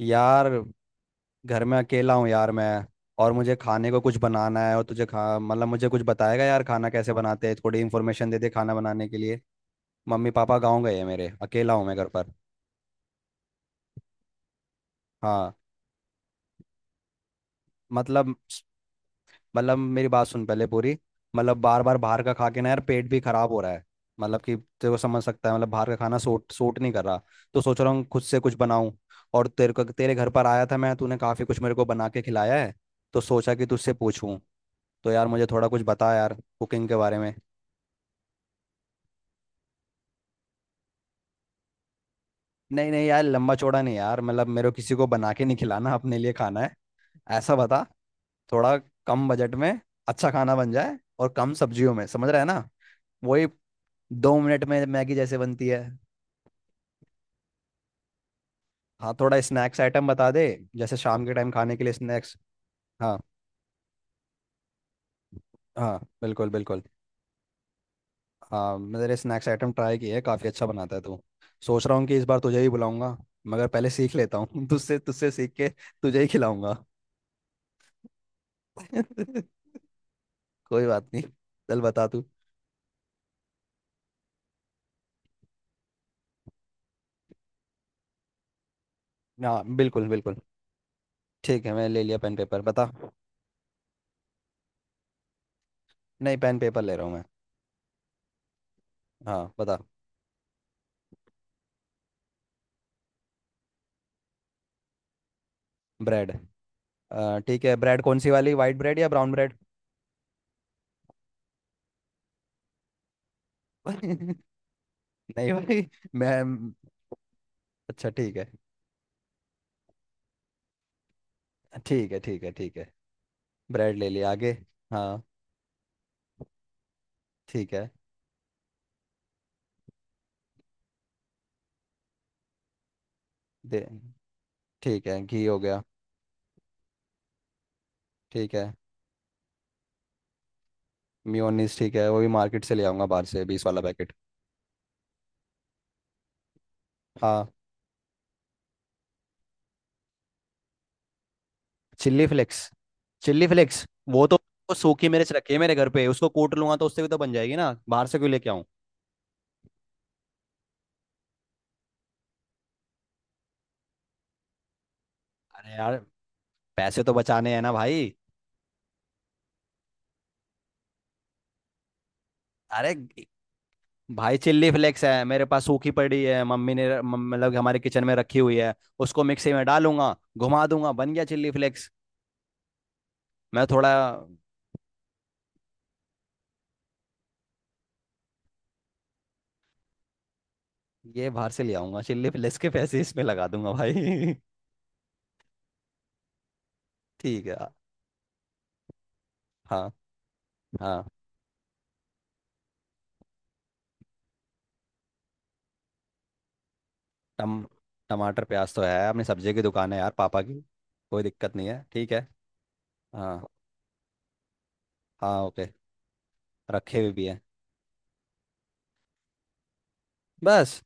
यार। घर में अकेला हूँ यार मैं। और मुझे खाने को कुछ बनाना है और तुझे खा मतलब मुझे कुछ बताएगा यार खाना कैसे बनाते हैं। थोड़ी इन्फॉर्मेशन दे दे खाना बनाने के लिए। मम्मी पापा गाँव गए हैं मेरे। अकेला हूँ मैं घर पर। हाँ। मतलब मतलब मेरी बात सुन पहले पूरी। मतलब बार बार बाहर का खा के ना यार पेट भी खराब हो रहा है। मतलब कि तेरे को समझ सकता है मतलब बाहर का खाना सूट सूट नहीं कर रहा। तो सोच रहा हूँ खुद से कुछ बनाऊँ। और तेरे को तेरे घर पर आया था मैं तूने काफ़ी कुछ मेरे को बना के खिलाया है। तो सोचा कि तुझसे पूछूं। तो यार मुझे थोड़ा कुछ बता यार कुकिंग के बारे में। नहीं नहीं यार लंबा चौड़ा नहीं यार मतलब मेरे को किसी को बना के नहीं खिलाना अपने लिए खाना है। ऐसा बता। थोड़ा। कम बजट में। अच्छा खाना बन जाए और कम सब्जियों में समझ रहा है ना। वही। 2 मिनट में मैगी जैसे बनती है। हाँ थोड़ा स्नैक्स आइटम बता दे। जैसे शाम के टाइम खाने के लिए स्नैक्स। हाँ। हाँ बिल्कुल बिल्कुल। हाँ मेरे स्नैक्स आइटम ट्राई किए हैं काफ़ी अच्छा बनाता है तू। सोच रहा हूँ कि इस बार तुझे ही बुलाऊंगा। मगर पहले सीख लेता हूँ तुझसे तुझसे सीख के तुझे ही खिलाऊंगा। कोई बात नहीं। चल बता तू। हाँ बिल्कुल बिल्कुल। ठीक है मैं ले लिया पेन पेपर बता। नहीं पेन पेपर ले रहा हूँ मैं। हाँ बता। ब्रेड। ठीक है ब्रेड कौन सी वाली वाइट ब्रेड या ब्राउन ब्रेड? नहीं भाई मैं। अच्छा ठीक है। ठीक है ठीक है ठीक है। ब्रेड ले लिया आगे। हाँ ठीक है। दे। ठीक है घी हो गया। ठीक है। मियोनीस ठीक है वो भी मार्केट से ले आऊंगा बाहर से 20 वाला पैकेट। हाँ। Chilli flakes chilli flakes. वो तो। वो सूखी मिर्च रखी है मेरे घर पे उसको कूट लूंगा तो उससे भी तो बन जाएगी ना बाहर से क्यों लेके आऊं? अरे यार पैसे तो बचाने हैं ना भाई। अरे। भाई चिल्ली फ्लेक्स है मेरे पास सूखी पड़ी है मम्मी ने मतलब कि हमारे किचन में रखी हुई है। उसको मिक्सी में डालूंगा घुमा दूंगा बन गया चिल्ली फ्लेक्स। मैं थोड़ा। ये बाहर से ले आऊंगा चिल्ली फ्लेक्स के पैसे इसमें लगा दूंगा भाई। ठीक है। हाँ। हाँ। टम टमाटर प्याज तो है अपनी सब्जी की दुकान है यार पापा की। कोई दिक्कत नहीं है ठीक है। हाँ। हाँ ओके। रखे हुए भी है। बस।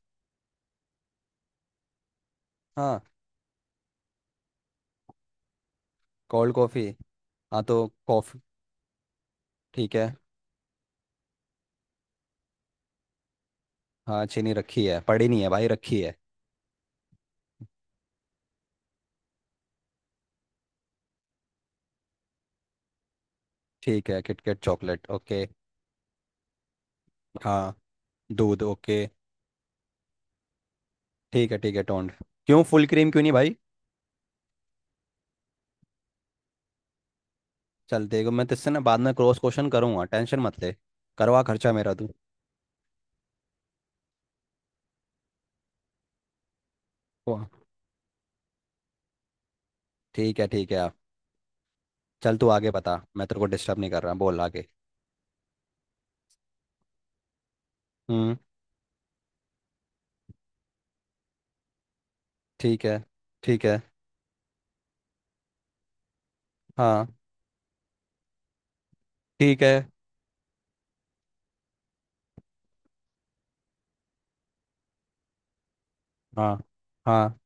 हाँ कोल्ड कॉफ़ी। हाँ तो कॉफ़ी। ठीक है। हाँ चीनी रखी है पड़ी नहीं है भाई रखी है। ठीक है किटकैट चॉकलेट ओके। हाँ। दूध ओके। ठीक है टोंड। क्यों फुल क्रीम क्यों नहीं भाई? चलते हैं, मैं तुझसे ना बाद में क्रॉस क्वेश्चन करूँगा टेंशन मत ले। करवा खर्चा मेरा तू। वाह, ठीक है आप। चल तू आगे बता मैं तेरे को डिस्टर्ब नहीं कर रहा बोल आगे। हम्म। ठीक है। ठीक है। हाँ। ठीक है। हाँ। हाँ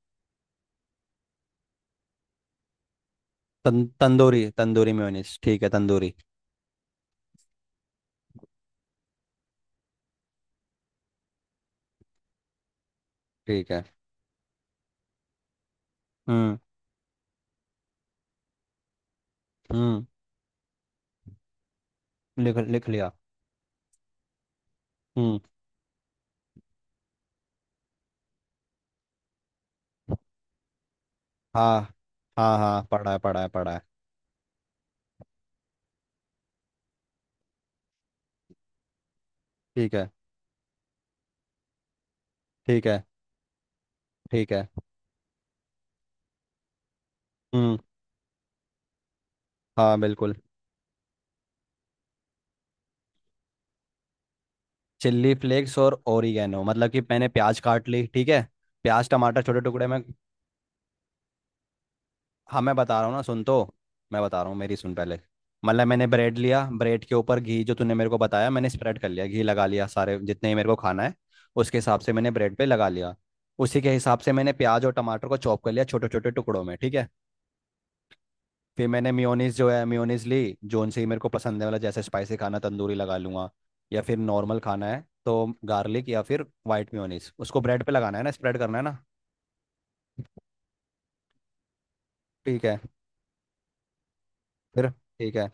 तंदूरी तंदूरी मेयोनीज ठीक है तंदूरी। ठीक है। हम्म। हम्म लिख लिख लिया। हम्म। हाँ हाँ हाँ पढ़ा है पढ़ा है पढ़ा है। ठीक है ठीक है ठीक है। हम्म। हाँ बिल्कुल। चिल्ली फ्लेक्स और ओरिगेनो मतलब कि मैंने प्याज काट ली ठीक है। प्याज टमाटर छोटे टुकड़े में। हाँ मैं बता रहा हूँ ना सुन तो। मैं बता रहा हूँ मेरी सुन पहले। मतलब मैंने ब्रेड लिया ब्रेड के ऊपर घी जो तूने मेरे को बताया मैंने स्प्रेड कर लिया घी लगा लिया सारे जितने ही मेरे को खाना है। उसके हिसाब से मैंने ब्रेड पे लगा लिया। उसी के हिसाब से मैंने प्याज और टमाटर को चॉप कर लिया छोटे छोटे टुकड़ों में ठीक है। फिर मैंने मेयोनीज जो है मेयोनीज ली जोन से ही मेरे को पसंद है वाला जैसे स्पाइसी खाना तंदूरी लगा लूंगा। या फिर नॉर्मल खाना है तो गार्लिक या फिर वाइट मेयोनीज उसको ब्रेड पे लगाना है ना स्प्रेड करना है ना। ठीक है फिर ठीक है।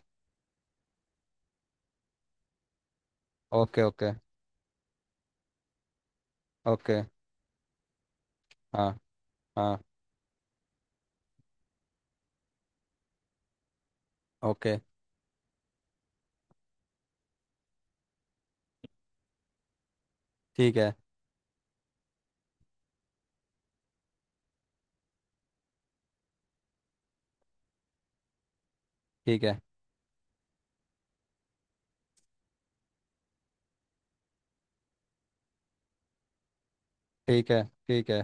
Okay okay. ओके। हाँ। हाँ ओके। ठीक है। ठीक है ठीक है ठीक है।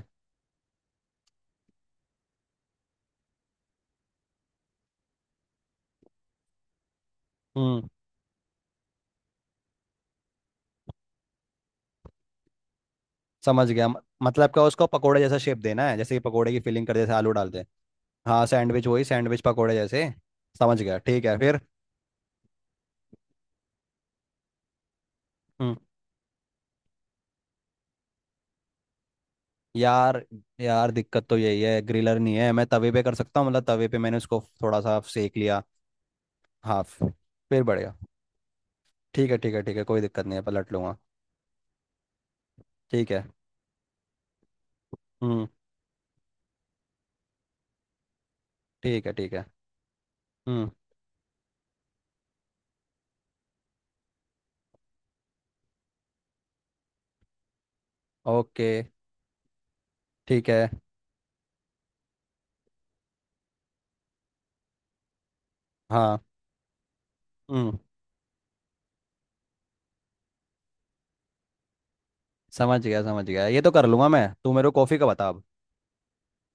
हम्म। समझ गया मतलब क्या उसको पकोड़े जैसा शेप देना है जैसे कि पकोड़े की फिलिंग कर जैसे आलू डालते हैं। हाँ सैंडविच वही सैंडविच पकोड़े जैसे। समझ गया ठीक है फिर। हम्म। यार। यार दिक्कत तो यही है ग्रिलर नहीं है मैं तवे पे कर सकता हूँ मतलब तवे पे मैंने उसको थोड़ा सा सेक लिया। हाफ। फिर बढ़िया। ठीक है ठीक है ठीक है कोई दिक्कत नहीं है पलट लूंगा। ठीक है। हम्म। ठीक है। ठीक है। हम्म। ओके। ठीक है। हाँ। हम्म। समझ गया ये तो कर लूंगा मैं तू मेरे को कॉफ़ी का बता अब।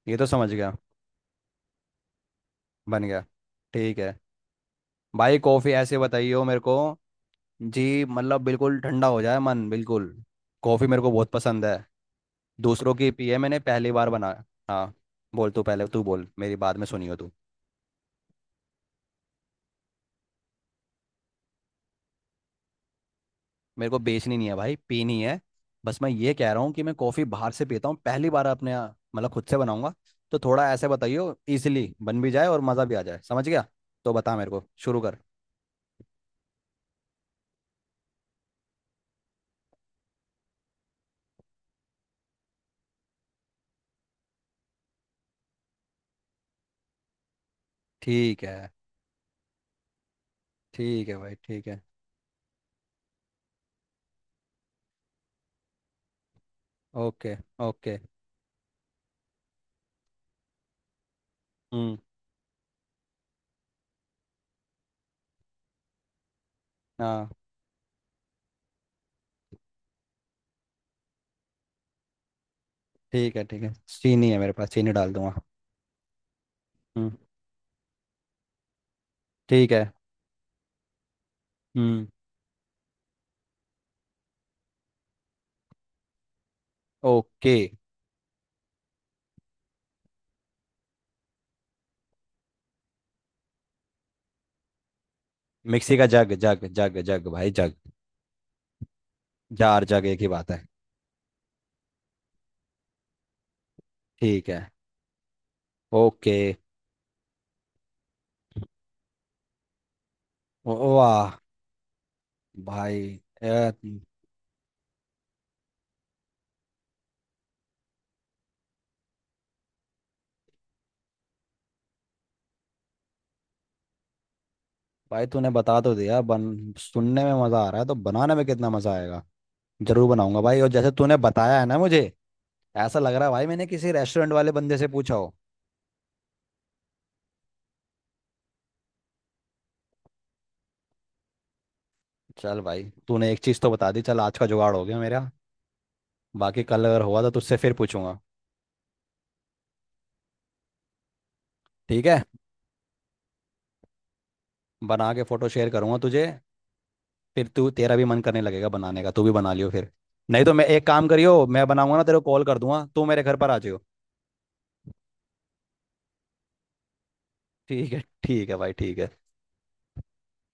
ये तो समझ गया। बन गया। ठीक है। भाई कॉफ़ी ऐसे बताइयो मेरे को। जी मतलब बिल्कुल ठंडा हो जाए मन बिल्कुल। कॉफ़ी मेरे को बहुत पसंद है। दूसरों की पी है मैंने पहली बार बनाया। हाँ। बोल तू पहले तू बोल मेरी बाद में सुनियो तू। मेरे को बेचनी नहीं है भाई पीनी है। बस मैं ये कह रहा हूँ कि मैं कॉफ़ी बाहर से पीता हूँ पहली बार अपने यहाँ, मतलब खुद से बनाऊंगा। तो थोड़ा ऐसे बताइयो इजीली बन भी जाए और मज़ा भी आ जाए समझ गया। तो बता मेरे को शुरू कर। ठीक है ठीक है भाई ठीक है। Okay okay. हम्म। हाँ ठीक है चीनी है मेरे पास चीनी डाल दूंगा। हम्म। ठीक है। हम्म। ओके। मिक्सी का जग जग जग जग भाई जग। चार जगह की बात है। ठीक है। ओके। वाह। भाई। ए, भाई तूने बता तो दिया बन सुनने में मज़ा आ रहा है तो बनाने में कितना मज़ा आएगा। जरूर बनाऊंगा भाई और जैसे तूने बताया है ना मुझे। ऐसा लग रहा है भाई मैंने किसी रेस्टोरेंट वाले बंदे से पूछा हो। चल भाई। तूने एक चीज़ तो बता दी चल आज का जुगाड़ हो गया मेरा। बाकी कल अगर हुआ तो तुझसे फिर पूछूंगा। ठीक है। बना के फोटो शेयर करूंगा तुझे। फिर तू तेरा भी मन करने लगेगा बनाने का तू भी बना लियो फिर। नहीं तो मैं एक काम करियो मैं बनाऊंगा ना तेरे को कॉल कर दूंगा तू मेरे घर पर आ जाइयो। ठीक है भाई ठीक है।